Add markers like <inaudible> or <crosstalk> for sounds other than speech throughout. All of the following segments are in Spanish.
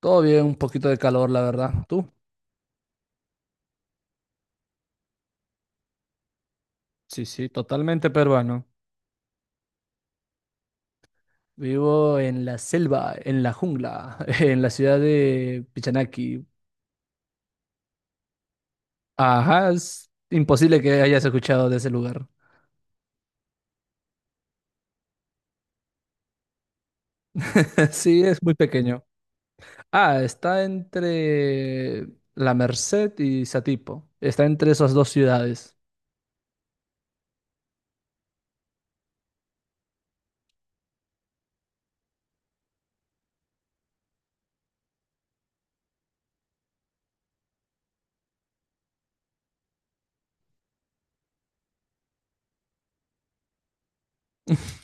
Todo bien, un poquito de calor, la verdad. ¿Tú? Sí, sí, totalmente peruano. Vivo en la selva, en la jungla, <laughs> en la ciudad de Pichanaki. Ajá, es imposible que hayas escuchado de ese lugar. <laughs> Sí, es muy pequeño. Ah, está entre La Merced y Satipo. Está entre esas dos ciudades.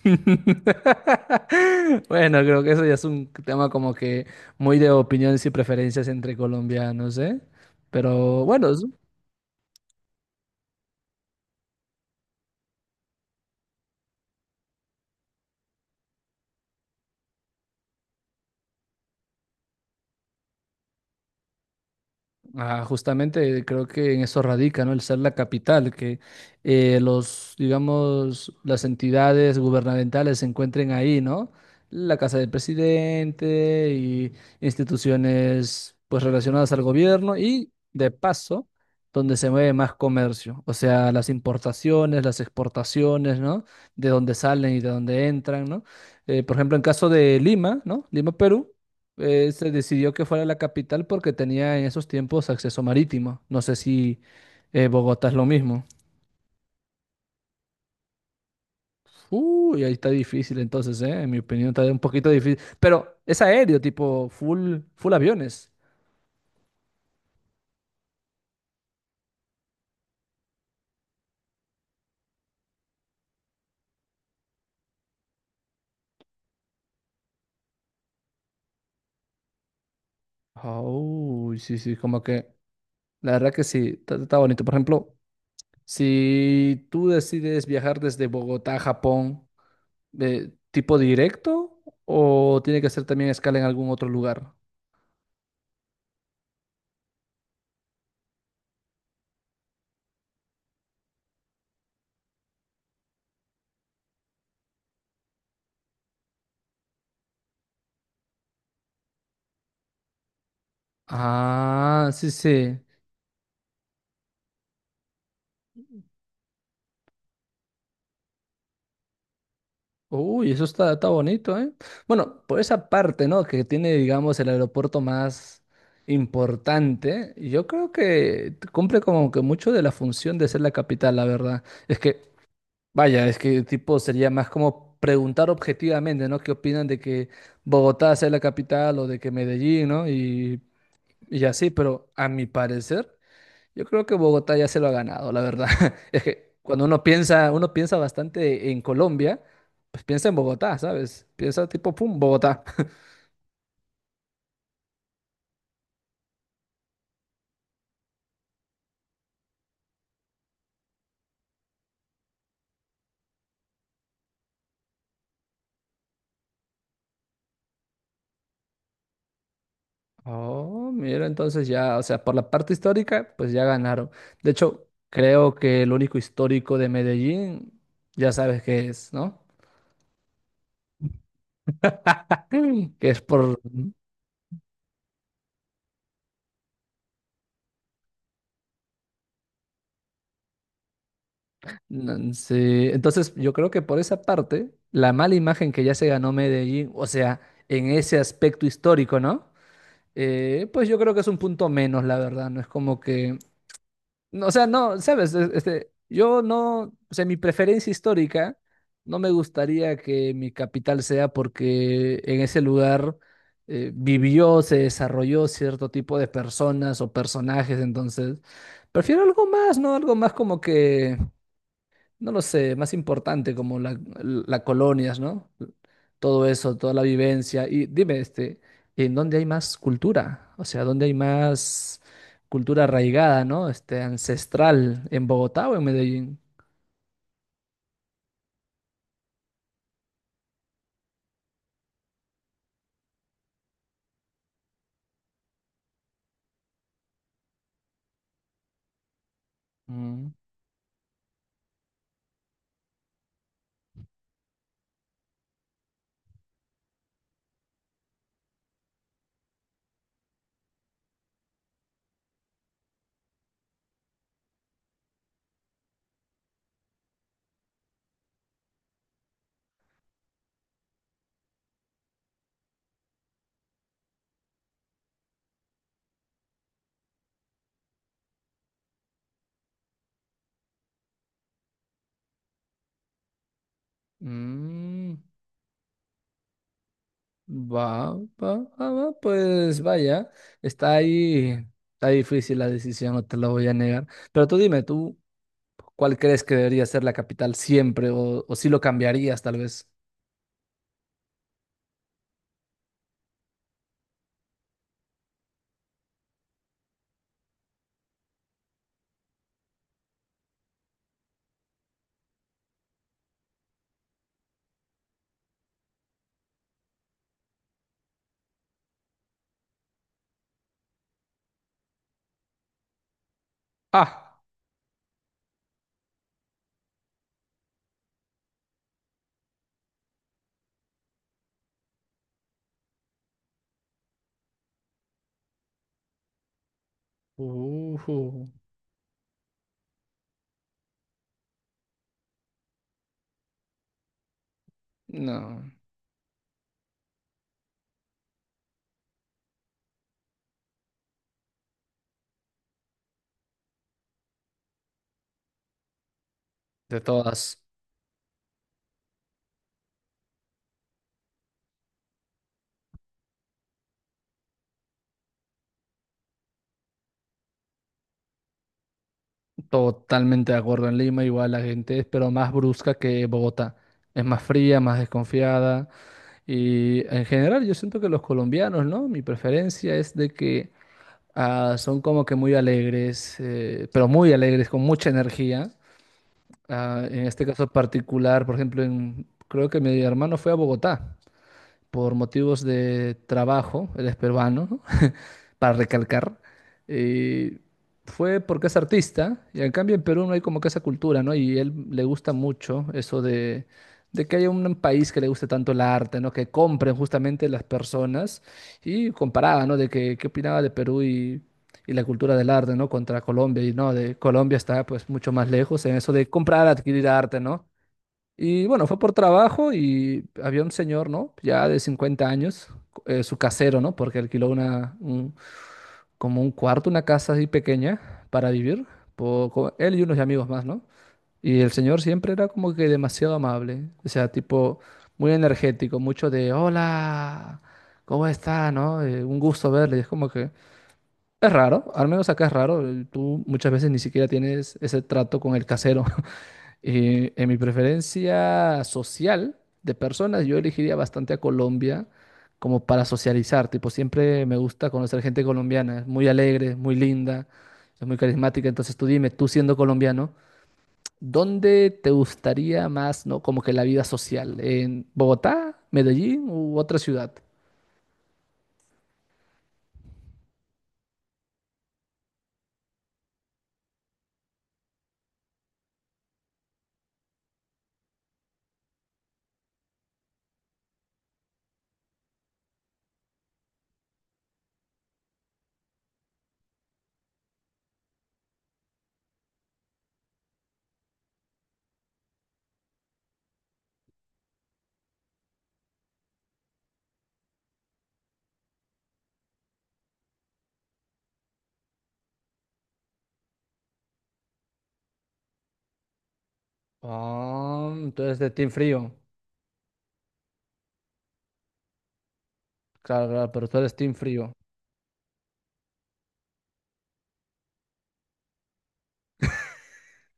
<laughs> Bueno, creo que eso ya es un tema como que muy de opiniones y preferencias entre colombianos, ¿eh? Pero bueno, ah, justamente creo que en eso radica, ¿no? El ser la capital, que los, digamos, las entidades gubernamentales se encuentren ahí, ¿no? La casa del presidente y instituciones pues relacionadas al gobierno y de paso donde se mueve más comercio, o sea, las importaciones, las exportaciones, ¿no? De dónde salen y de dónde entran, ¿no? Por ejemplo, en caso de Lima, ¿no? Lima, Perú, se decidió que fuera la capital porque tenía en esos tiempos acceso marítimo. No sé si Bogotá es lo mismo. Uy, ahí está difícil entonces, ¿eh? En mi opinión está un poquito difícil. Pero es aéreo, tipo full, full aviones. Uy, sí, sí, como que la verdad que sí, está, está bonito. Por ejemplo, si tú decides viajar desde Bogotá a Japón, ¿tipo directo o tiene que hacer también escala en algún otro lugar? Ah, sí, sí. Uy, eso está, está bonito, ¿eh? Bueno, por esa parte, ¿no? Que tiene, digamos, el aeropuerto más importante, yo creo que cumple como que mucho de la función de ser la capital, la verdad. Es que, vaya, es que tipo sería más como preguntar objetivamente, ¿no? ¿Qué opinan de que Bogotá sea la capital o de que Medellín, ¿no? Y así, pero a mi parecer. Yo creo que Bogotá ya se lo ha ganado, la verdad. <laughs> Es que cuando uno piensa bastante en Colombia, pues piensa en Bogotá, ¿sabes? Piensa tipo, pum, Bogotá. <laughs> Oh, mira, entonces ya, o sea, por la parte histórica, pues ya ganaron. De hecho, creo que el único histórico de Medellín, ya sabes qué es, ¿no? <clears throat> <laughs> Que es por... Mm, sí, entonces yo creo que por esa parte, la mala imagen que ya se ganó Medellín, o sea, en ese aspecto histórico, ¿no? Pues yo creo que es un punto menos, la verdad, no es como que, no, o sea, no, sabes, este, yo no, o sea, mi preferencia histórica, no me gustaría que mi capital sea porque en ese lugar vivió, se desarrolló cierto tipo de personas o personajes, entonces, prefiero algo más, ¿no? Algo más como que no lo sé, más importante como la colonias, ¿no? Todo eso, toda la vivencia. Y dime, este, ¿en dónde hay más cultura? O sea, ¿dónde hay más cultura arraigada, ¿no? Este, ancestral, ¿en Bogotá o en Medellín? Mm, mm, va, va, va, va, pues vaya, está ahí, está difícil la decisión, no te lo voy a negar. Pero tú dime, ¿tú cuál crees que debería ser la capital siempre o si lo cambiarías tal vez? Ah. Uh, no, de todas, totalmente de acuerdo. En Lima igual la gente es, pero más brusca que Bogotá. Es más fría, más desconfiada. Y en general yo siento que los colombianos, ¿no? Mi preferencia es de que ah, son como que muy alegres, pero muy alegres, con mucha energía. Ah, en este caso particular, por ejemplo, creo que mi hermano fue a Bogotá por motivos de trabajo, él es peruano, ¿no? Para recalcar, eh, fue porque es artista, y en cambio en Perú no hay como que esa cultura, ¿no? Y él le gusta mucho eso de que haya un país que le guste tanto el arte, ¿no? Que compren justamente las personas, y comparaba, ¿no? De que, qué opinaba de Perú y la cultura del arte, ¿no? Contra Colombia, y no, de Colombia está pues mucho más lejos en eso de comprar, adquirir arte, ¿no? Y bueno, fue por trabajo y había un señor, ¿no? Ya de 50 años, su casero, ¿no? Porque alquiló un, como un cuarto, una casa así pequeña para vivir, él y unos amigos más, ¿no? Y el señor siempre era como que demasiado amable, o sea, tipo muy energético, mucho de hola, ¿cómo está? ¿No? Un gusto verle, y es como que es raro, al menos acá es raro, tú muchas veces ni siquiera tienes ese trato con el casero, <laughs> en mi preferencia social de personas, yo elegiría bastante a Colombia como para socializar. Tipo, siempre me gusta conocer gente colombiana. Es muy alegre, muy linda, es muy carismática. Entonces tú dime, tú siendo colombiano, ¿dónde te gustaría más, ¿no? Como que la vida social? ¿En Bogotá, Medellín u otra ciudad? Ah, tú eres de Team Frío. Claro, claro, pero tú eres Team Frío.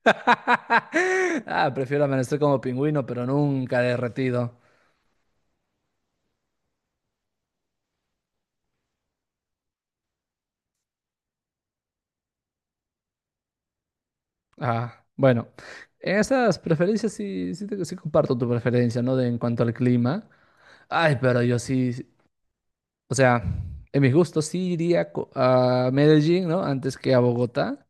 <laughs> Ah, prefiero amanecer como pingüino, pero nunca derretido. Ah, bueno, en esas preferencias sí, sí comparto tu preferencia, ¿no? De en cuanto al clima. Ay, pero yo sí, sí, o sea, en mis gustos sí iría a Medellín, ¿no? Antes que a Bogotá.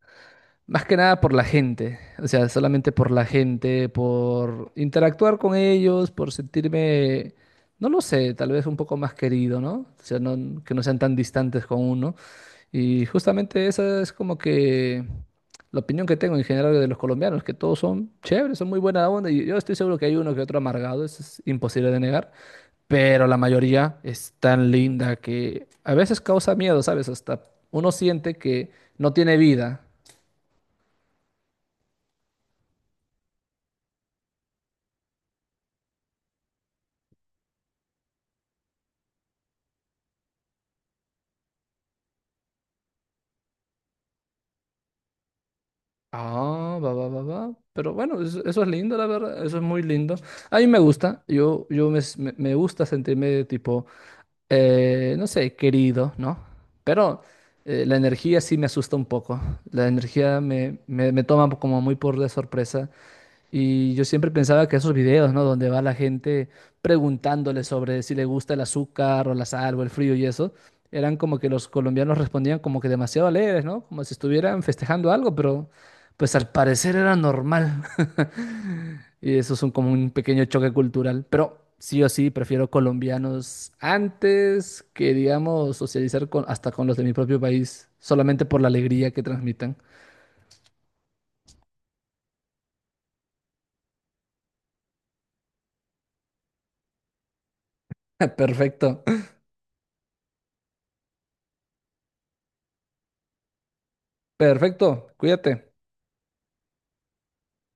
Más que nada por la gente, o sea, solamente por la gente, por interactuar con ellos, por sentirme, no lo sé, tal vez un poco más querido, ¿no? O sea, no, que no sean tan distantes con uno. Y justamente esa es como que la opinión que tengo en general de los colombianos, que todos son chéveres, son muy buena onda, y yo estoy seguro que hay uno que otro amargado, eso es imposible de negar, pero la mayoría es tan linda que a veces causa miedo, ¿sabes? Hasta uno siente que no tiene vida. Ah, va, va, va, va. Pero bueno, eso es lindo, la verdad, eso es muy lindo. A mí me gusta, yo, me gusta sentirme tipo no sé, querido, ¿no? Pero la energía sí me asusta un poco. La energía me toma como muy por de sorpresa. Y yo siempre pensaba que esos videos, ¿no? Donde va la gente preguntándole sobre si le gusta el azúcar o la sal o el frío y eso, eran como que los colombianos respondían como que demasiado alegres, ¿no? Como si estuvieran festejando algo, pero pues al parecer era normal. <laughs> Y eso es un, como un pequeño choque cultural. Pero sí o sí, prefiero colombianos antes que, digamos, socializar con, hasta con los de mi propio país, solamente por la alegría que transmitan. <laughs> Perfecto, perfecto, cuídate.